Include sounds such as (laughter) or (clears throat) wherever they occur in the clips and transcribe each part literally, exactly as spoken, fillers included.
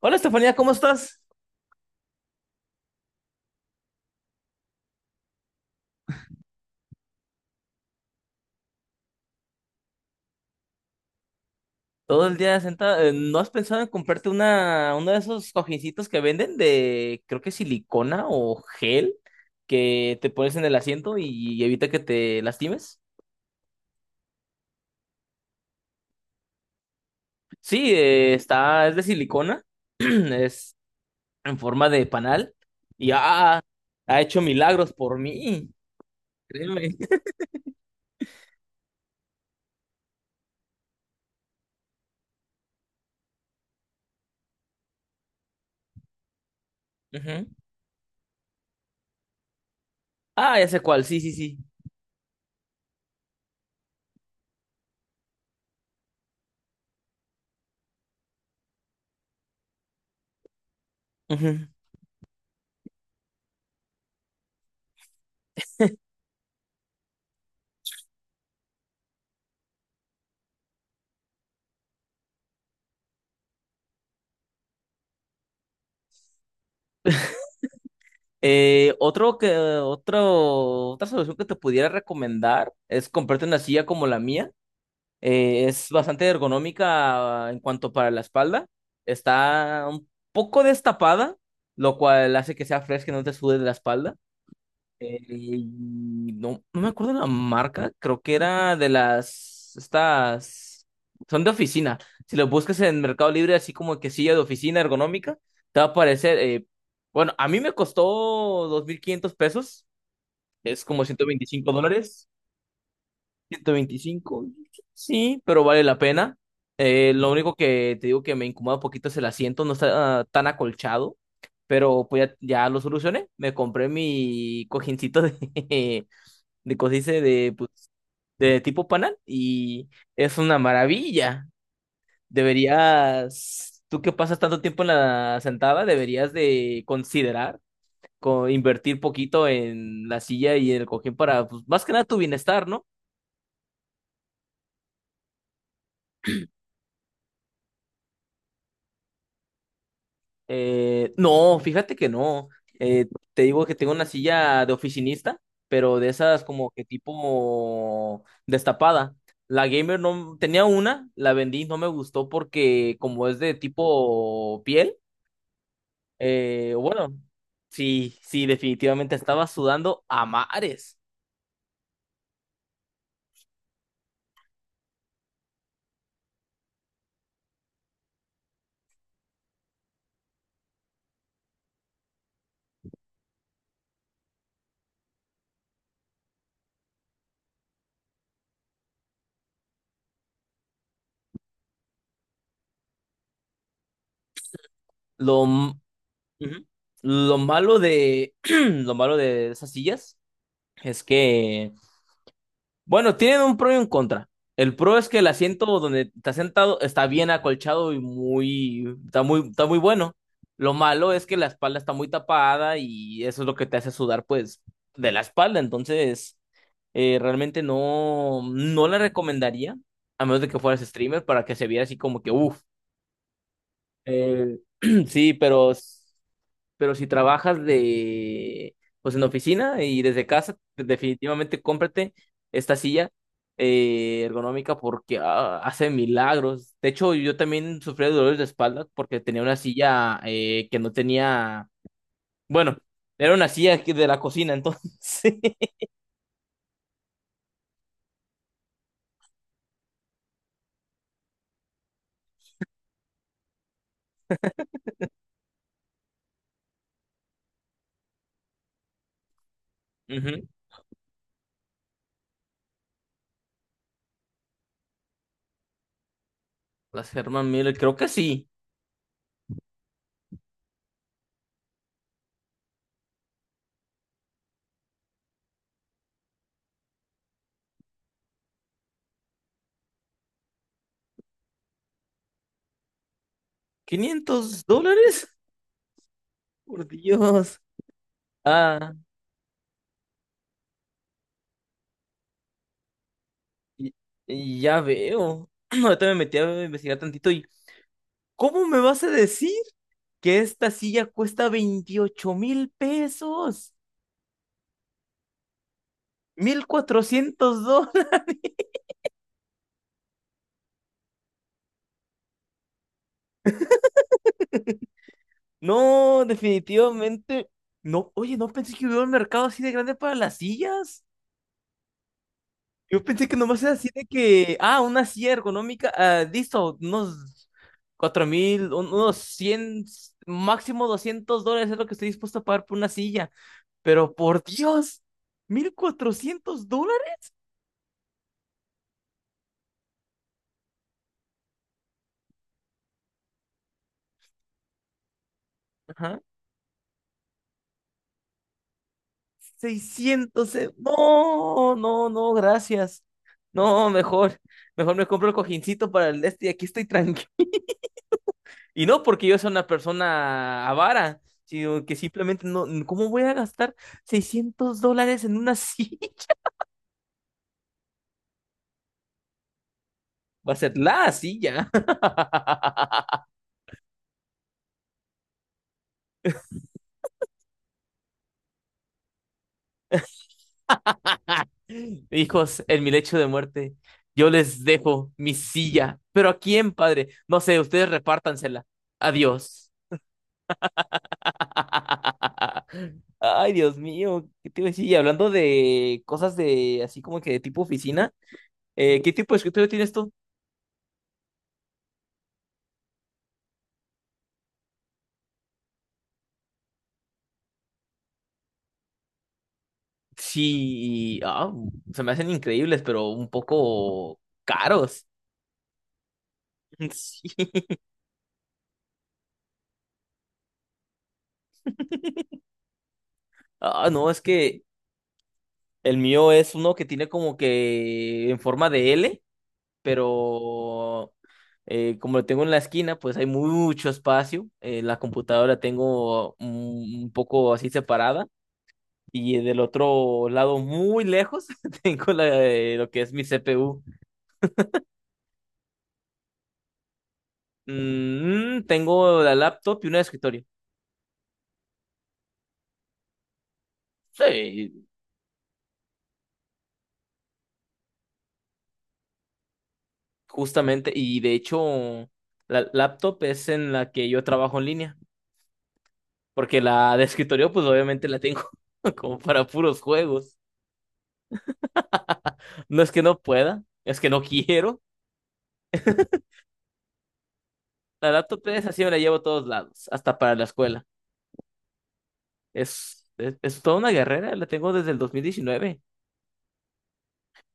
Hola Estefanía, ¿cómo estás? Todo el día sentada. eh, ¿No has pensado en comprarte una, uno de esos cojincitos que venden de, creo que silicona o gel, que te pones en el asiento y evita que te lastimes? Sí, eh, está, es de silicona, (clears throat) es en forma de panal y ah, ha hecho milagros por mí, créeme. (laughs) Ujú. Ah, ya sé cuál, sí, sí, sí. Ujú. Eh, otro que, otro, otra solución que te pudiera recomendar es comprarte una silla como la mía. Eh, es bastante ergonómica en cuanto para la espalda. Está un poco destapada, lo cual hace que sea fresca y no te sude de la espalda. Eh, no, no me acuerdo la marca, creo que era de las, estas, son de oficina. Si lo buscas en Mercado Libre, así como que silla de oficina ergonómica, te va a aparecer, eh, bueno, a mí me costó dos mil quinientos pesos, es como ciento veinticinco dólares, ciento veinticinco, sí, pero vale la pena. Eh, lo único que te digo que me incomoda un poquito es el asiento, no está ah, tan acolchado. Pero pues ya, ya lo solucioné. Me compré mi cojincito de, (laughs) de cosdice de, pues, de tipo panal y es una maravilla. Deberías, tú que pasas tanto tiempo en la sentada, deberías de considerar co- invertir poquito en la silla y el cojín para, pues, más que nada tu bienestar, ¿no? Eh, no, fíjate que no. Eh, Te digo que tengo una silla de oficinista, pero de esas como que tipo destapada. La gamer no tenía una, la vendí, no me gustó porque como es de tipo piel, Eh, bueno, sí, sí, definitivamente estaba sudando a mares. Lo, m- Ujú. lo malo de, (clears throat) lo malo de esas sillas es que bueno, tienen un pro y un contra. El pro es que el asiento donde está sentado está bien acolchado y muy, está muy, está muy bueno. Lo malo es que la espalda está muy tapada y eso es lo que te hace sudar, pues, de la espalda. Entonces, eh, realmente no, no la recomendaría, a menos de que fueras streamer, para que se viera así como que, uff. (clears throat) Sí, pero pero si trabajas de, pues en oficina y desde casa, pues, definitivamente cómprate esta silla eh, ergonómica porque ah, hace milagros. De hecho, yo también sufría de dolores de espalda porque tenía una silla eh, que no tenía, bueno, era una silla que- de la cocina, entonces. (laughs) Ujú. Las Herman Miller, creo que sí. ¿Quinientos dólares? Por Dios. Ah, y- y ya veo. (clears throat) Ahorita me metí a investigar tantito. ¿Cómo me vas a decir que esta silla cuesta veintiocho mil pesos? Mil cuatrocientos dólares. (laughs) No, definitivamente. No, oye, no pensé que hubiera un mercado así de grande para las sillas. Yo pensé que nomás era así de que, ah, una silla ergonómica, ah, listo, unos cuatro mil, unos cien, máximo doscientos dólares es lo que estoy dispuesto a pagar por una silla. Pero por Dios, mil cuatrocientos dólares. seiscientos e- No, no, no, gracias. No, mejor, mejor me compro el cojincito para el este y aquí estoy tranquilo. Y no porque yo sea una persona avara, sino que simplemente no, ¿cómo voy a gastar seiscientos dólares en una (laughs) silla? Va a ser la silla. (laughs) Hijos, en mi lecho de muerte, yo les dejo mi silla. ¿Pero a quién, padre? No sé, ustedes repártansela. Adiós. (laughs) Ay, Dios mío, ¿qué te iba a decir? Y hablando de cosas de así como que de tipo oficina, eh, ¿qué tipo de escritorio tienes tú? Sí, ah, se me hacen increíbles, pero un poco caros. (laughs) Sí. Ah, no, es que el mío es uno que tiene como que en forma de L, pero eh, como lo tengo en la esquina, pues hay mucho espacio. Eh, la computadora la tengo mm, un poco así separada. Y del otro lado, muy lejos, (laughs) tengo la, eh, lo que es mi C P U. Mm, tengo la laptop y una escritorio. Sí, justamente. Y de hecho, la laptop es en la que yo trabajo en línea. Porque la de escritorio, pues obviamente la tengo (laughs) como para puros juegos. No es que no pueda, es que no quiero. La laptop es así, me la llevo a todos lados, hasta para la escuela. Es, es, es toda una guerrera, la tengo desde el dos mil diecinueve.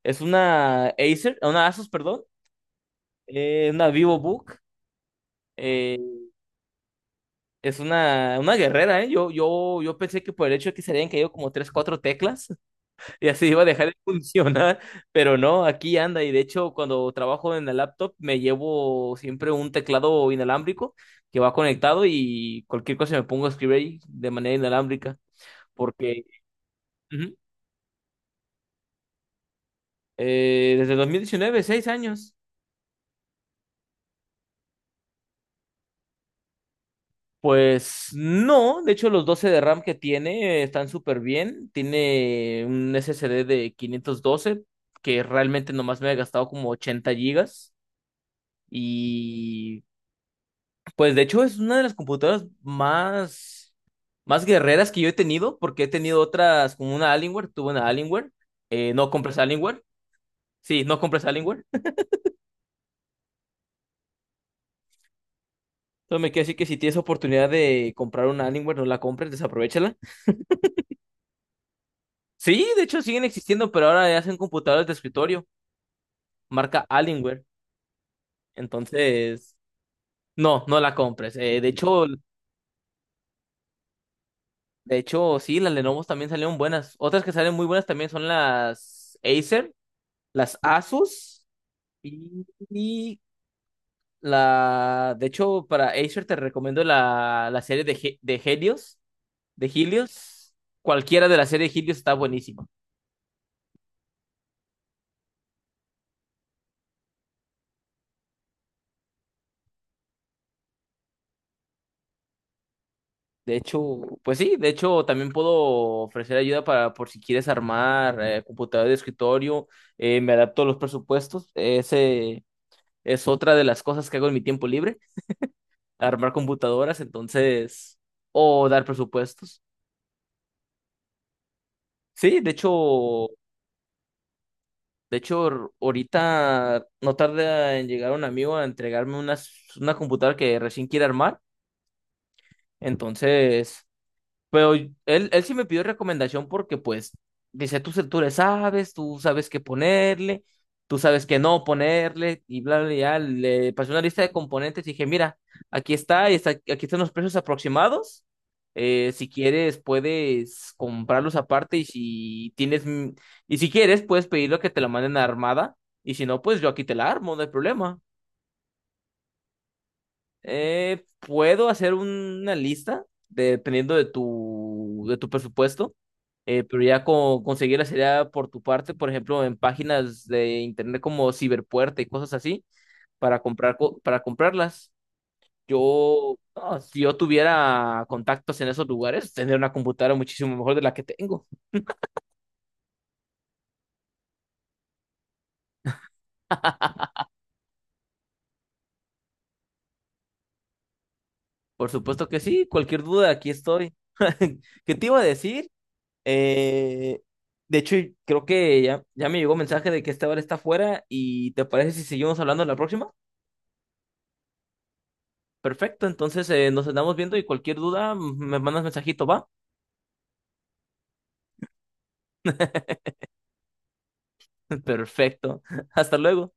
Es una Acer, una Asus, perdón. Eh, una Vivo Book. eh, es una, una guerrera, ¿eh? Yo, yo, yo pensé que por el hecho de que se habían caído como tres, cuatro teclas (laughs) y así iba a dejar de funcionar, pero no, aquí anda. Y de hecho, cuando trabajo en la laptop, me llevo siempre un teclado inalámbrico que va conectado y cualquier cosa me pongo a escribir ahí de manera inalámbrica. Porque ujú, eh, desde dos mil diecinueve, seis años. Pues no, de hecho los doce de RAM que tiene eh, están súper bien. Tiene un S S D de quinientos doce que realmente nomás me ha gastado como ochenta gigas. Y pues de hecho es una de las computadoras más, más guerreras que yo he tenido porque he tenido otras como una Alienware, tuve una Alienware. Eh, no compres Alienware. Sí, no compres Alienware. (laughs) Entonces me quiere decir que si tienes oportunidad de comprar una Alienware, no la compres, desaprovechala. Sí, de hecho siguen existiendo, pero ahora ya hacen computadoras de escritorio marca Alienware. Entonces, no, no la compres. Eh, de hecho, de hecho, sí, las Lenovo también salieron buenas. Otras que salen muy buenas también son las Acer, las Asus y, y la... De hecho, para Acer te recomiendo la, la serie de, He- de Helios, de Helios. Cualquiera de la serie de Helios está buenísima. De hecho, pues sí, de hecho también puedo ofrecer ayuda para por si quieres armar eh, computadora de escritorio, eh, me adapto a los presupuestos, ese es otra de las cosas que hago en mi tiempo libre, armar computadoras, entonces, o dar presupuestos. Sí, de hecho, de hecho, ahorita no tarda en llegar un amigo a entregarme unas, una computadora que recién quiere armar, entonces... Pero él, él sí me pidió recomendación porque, pues, dice, tú, se- tú le sabes, tú sabes qué ponerle, tú sabes qué no ponerle, y bla, bla, bla. Ya. Le pasé una lista de componentes y dije, mira, aquí está, y está- aquí están los precios aproximados. Eh, si quieres, puedes comprarlos aparte y si tienes, mm, y si quieres, puedes pedirlo que te lo manden armada, y si no, pues yo aquí te la armo, no hay problema. Eh, puedo hacer una lista dependiendo de tu, de tu presupuesto, eh, pero ya co- conseguirla sería por tu parte, por ejemplo, en páginas de internet como Ciberpuerta y cosas así, para comprar, co- para comprarlas. Yo, no, si yo tuviera contactos en esos lugares, tendría una computadora muchísimo mejor de la que tengo. (laughs) Por supuesto que sí, cualquier duda, aquí estoy. (laughs) ¿Qué te iba a decir? Eh, de hecho, creo que ya, ya me llegó mensaje de que esta hora está fuera y ¿te parece si seguimos hablando en la próxima? Perfecto, entonces eh, nos andamos viendo y cualquier duda mm, me mandas mensajito, ¿va? (laughs) Perfecto, (laughs) hasta luego.